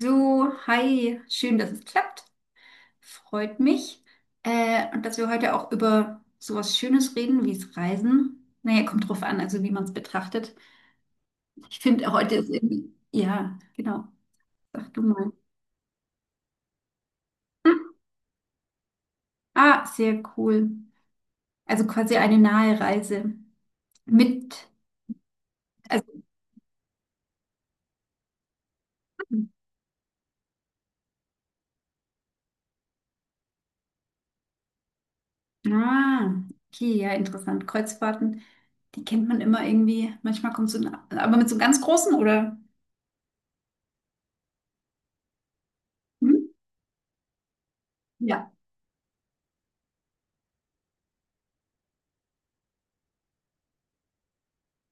So, hi, schön, dass es klappt. Freut mich. Und dass wir heute auch über sowas Schönes reden, wie es Reisen. Naja, kommt drauf an, also wie man es betrachtet. Ich finde, heute ist irgendwie, ja, genau. Sag du mal. Hm. Ah, sehr cool. Also quasi eine nahe Reise mit, also, ah, okay, ja, interessant. Kreuzfahrten, die kennt man immer irgendwie. Manchmal kommt so, ein- aber mit so einem ganz großen, oder? Hm? Ja.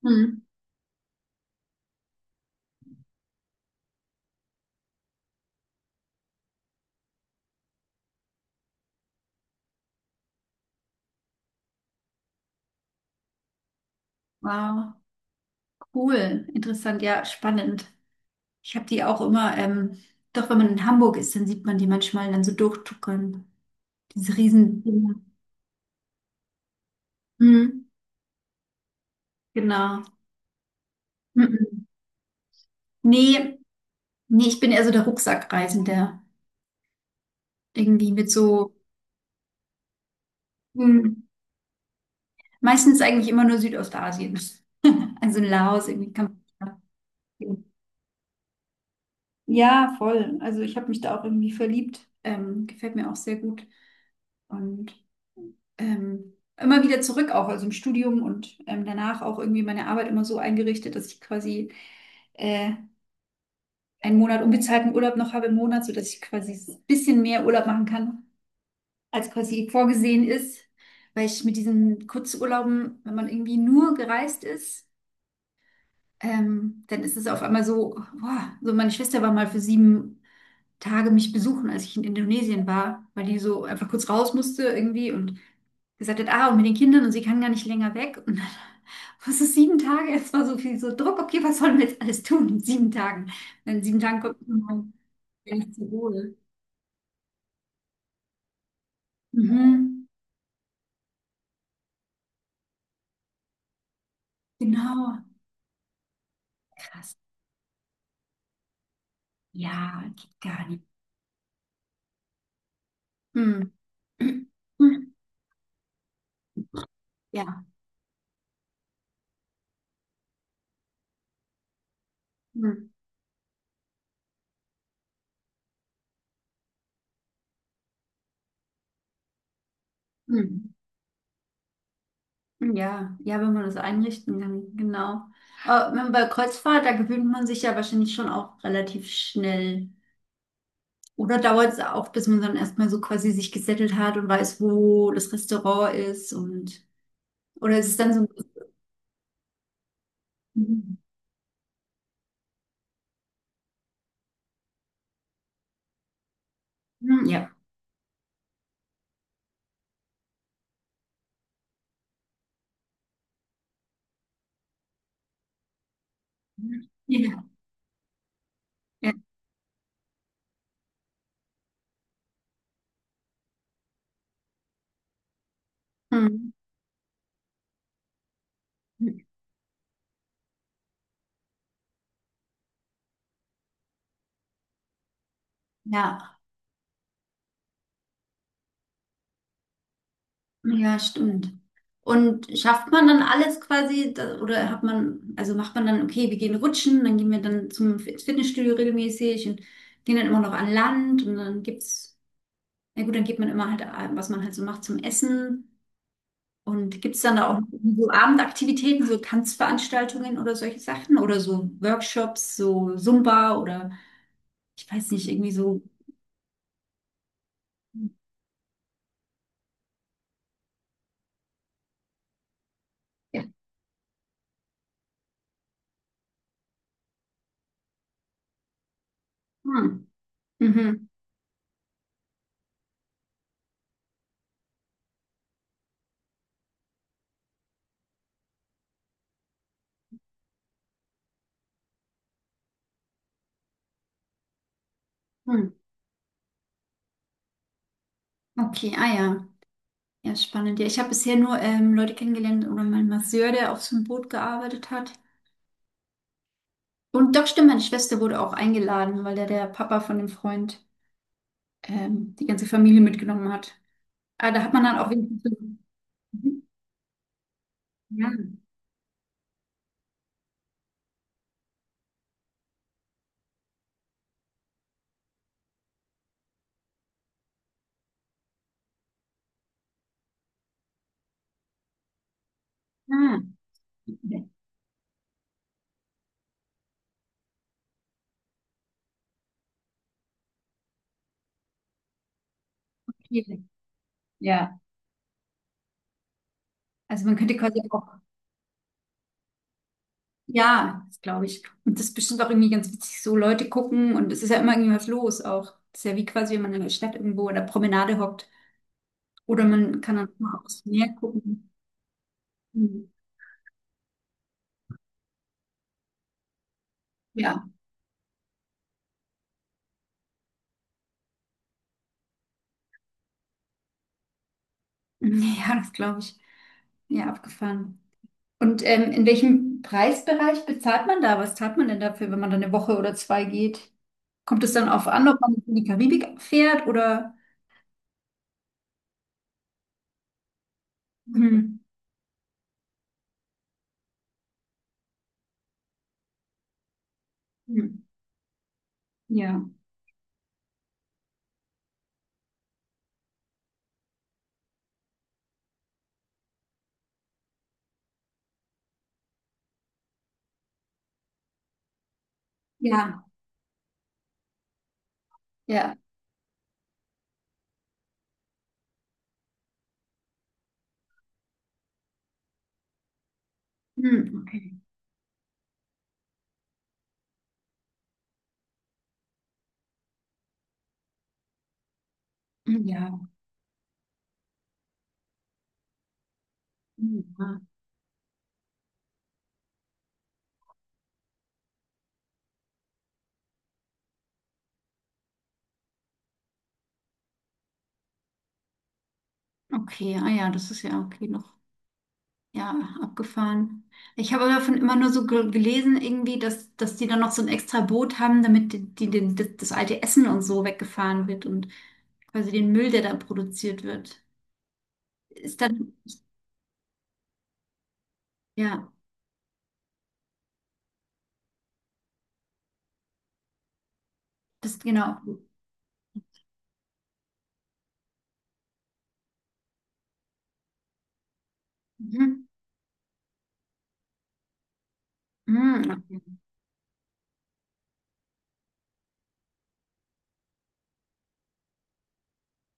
Hm. Wow. Cool, interessant, ja, spannend. Ich habe die auch immer, doch wenn man in Hamburg ist, dann sieht man die manchmal dann so durchtuckern. Diese Riesendinger. Hm, genau. Mhm. Nee, nee, ich bin eher so der Rucksackreisende. Irgendwie mit so, hm, meistens eigentlich immer nur Südostasien. Also in Laos, irgendwie Kambodscha. Ja, voll. Also ich habe mich da auch irgendwie verliebt. Gefällt mir auch sehr gut. Und immer wieder zurück auch, also im Studium und danach auch irgendwie meine Arbeit immer so eingerichtet, dass ich quasi äh, einen Monat unbezahlten Urlaub noch habe im Monat, sodass ich quasi ein bisschen mehr Urlaub machen kann, als quasi vorgesehen ist. Weil ich mit diesen Kurzurlauben, wenn man irgendwie nur gereist ist, dann ist es auf einmal so, boah, so meine Schwester war mal für sieben Tage mich besuchen, als ich in Indonesien war, weil die so einfach kurz raus musste irgendwie und gesagt hat, ah, und mit den Kindern und sie kann gar nicht länger weg. Und dann, was ist sieben Tage? Es war so viel so Druck, okay, was sollen wir jetzt alles tun in sieben Tagen? Und in sieben Tagen kommt man gar nicht zur Ruhe. Mhm, genau. Krass. Ja, geht gar nicht. Hm. Ja. Hm. Hm. Ja, ja, wenn man das einrichten kann, genau. Aber wenn- bei Kreuzfahrt, da gewöhnt man sich ja wahrscheinlich schon auch relativ schnell. Oder dauert es auch, bis man dann erstmal so quasi sich gesettelt hat und weiß, wo das Restaurant ist und oder ist es dann so ein bisschen, hm, ja. Ja. Ja. Hm. Ja. Ja, stimmt. Und schafft man dann alles quasi, da- oder hat man, also macht man dann, okay, wir gehen rutschen, dann gehen wir dann zum Fitnessstudio regelmäßig und gehen dann immer noch an Land und dann gibt's, na gut, dann geht man immer halt, was man halt so macht zum Essen. Und gibt's dann da auch so Abendaktivitäten, so Tanzveranstaltungen oder solche Sachen oder so Workshops, so Zumba oder ich weiß nicht, irgendwie so. Ja. Hm. Mhm. Hm. Okay, ah ja. Ja, spannend. Ja, ich habe bisher nur Leute kennengelernt oder meinen Masseur, der auf so einem Boot gearbeitet hat. Und doch, stimmt, meine Schwester wurde auch eingeladen, weil da der Papa von dem Freund die ganze Familie mitgenommen hat. Ah, da hat man dann auch wenigstens so. Mhm. Ja. Ah, okay. Ja, also man könnte quasi auch, ja, das glaube ich. Und das ist bestimmt auch irgendwie ganz witzig, so Leute gucken und es ist ja immer irgendwas los auch. Das ist ja wie quasi, wenn man in der Stadt irgendwo oder Promenade hockt. Oder man kann dann auch aufs Meer gucken. Mhm. Ja. Ja, das glaube ich. Ja, abgefahren. Und in welchem Preisbereich bezahlt man da? Was zahlt man denn dafür, wenn man da eine Woche oder zwei geht? Kommt es dann auf an, ob man in die Karibik fährt oder? Hm. Hm. Ja, ja, ja. Hm. Okay. Ja. Hm. Ah, okay, ah ja, das ist ja okay noch. Ja, abgefahren. Ich habe davon immer nur so ge- gelesen, irgendwie, dass, dass die dann noch so ein extra Boot haben, damit die, die, den- das, das alte Essen und so weggefahren wird und quasi den Müll, der da produziert wird. Ist dann, ja, das genau. Mhm. Mhm. Okay,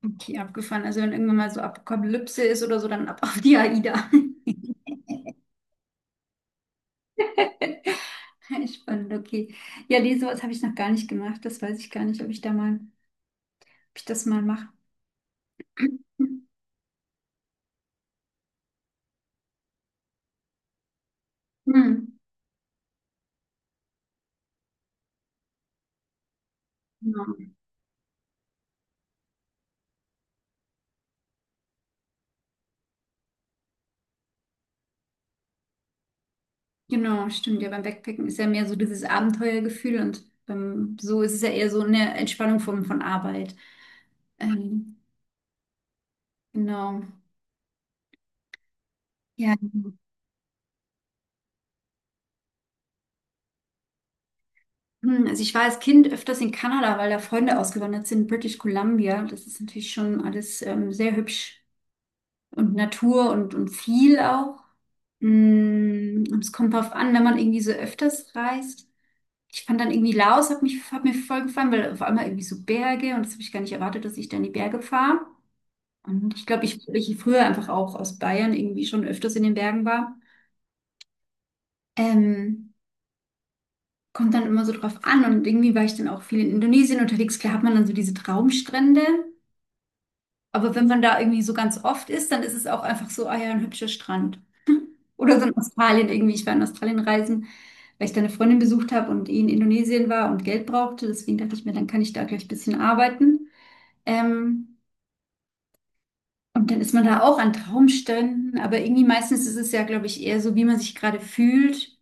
okay, abgefahren. Also wenn irgendwann mal so Apokalypse ist oder so, dann ab auf die AIDA. Spannend, okay. Ja, nee, sowas habe ich noch gar nicht gemacht. Das weiß ich gar nicht, ob ich da mal, ob ich das mal mache. Hm. Ja. Genau, stimmt. Ja, beim Backpacken ist ja mehr so dieses Abenteuergefühl und beim, so ist es ja eher so eine Entspannung von Arbeit. Ähm, genau. Ja. Hm, also ich war als Kind öfters in Kanada, weil da Freunde ausgewandert sind, British Columbia. Das ist natürlich schon alles sehr hübsch und Natur und viel auch. Mm, und es kommt drauf an, wenn man irgendwie so öfters reist. Ich fand dann irgendwie Laos, hat mich, hat mir voll gefallen, weil auf einmal irgendwie so Berge und das habe ich gar nicht erwartet, dass ich dann in die Berge fahre. Und ich glaube, ich, weil ich früher einfach auch aus Bayern irgendwie schon öfters in den Bergen war. Ähm, kommt dann immer so drauf an. Und irgendwie war ich dann auch viel in Indonesien unterwegs. Klar hat man dann so diese Traumstrände. Aber wenn man da irgendwie so ganz oft ist, dann ist es auch einfach so, ah ja, ein hübscher Strand. Oder so in Australien irgendwie. Ich war in Australien reisen, weil ich da eine Freundin besucht habe und die in Indonesien war und Geld brauchte. Deswegen dachte ich mir, dann kann ich da gleich ein bisschen arbeiten. Ähm, und dann ist man da auch an Traumstränden. Aber irgendwie meistens ist es ja, glaube ich, eher so, wie man sich gerade fühlt.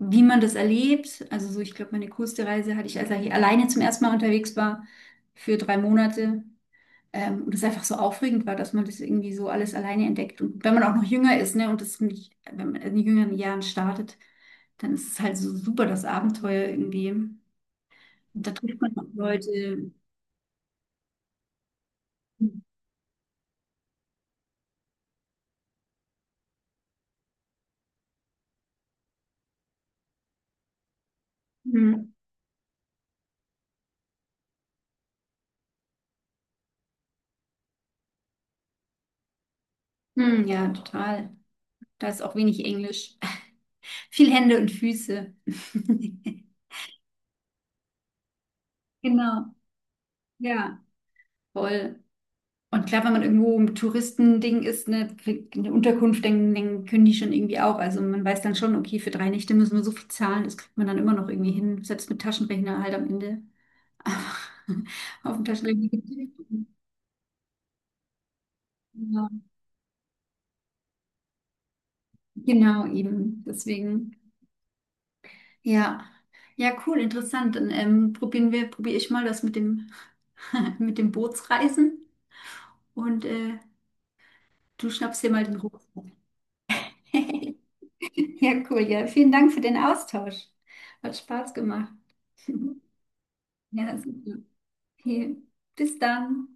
Wie man das erlebt. Also so, ich glaube, meine coolste Reise hatte ich, als ich alleine zum ersten Mal unterwegs war für drei Monate. Und es einfach so aufregend war, dass man das irgendwie so alles alleine entdeckt. Und wenn man auch noch jünger ist, ne, und das nicht, wenn man in jüngeren Jahren startet, dann ist es halt so super, das Abenteuer irgendwie. Und da trifft man auch Leute. Hm. Hm, ja, total. Da ist auch wenig Englisch. Viel Hände und Füße. Genau. Ja, voll. Und klar, wenn man irgendwo im Touristending ist, eine Unterkunft, dann, dann können die schon irgendwie auch. Also man weiß dann schon, okay, für drei Nächte müssen wir so viel zahlen, das kriegt man dann immer noch irgendwie hin, selbst mit Taschenrechner halt am Ende. Aber auf dem Taschenrechner gibt's nicht. Ja, genau, eben. Deswegen, ja. Ja, cool, interessant. Dann probieren wir, probiere ich mal das mit dem, mit dem Bootsreisen und du schnappst dir mal den Rucksack. Ja, cool. Ja, vielen Dank für den Austausch. Hat Spaß gemacht. Ja, super. Okay. Bis dann.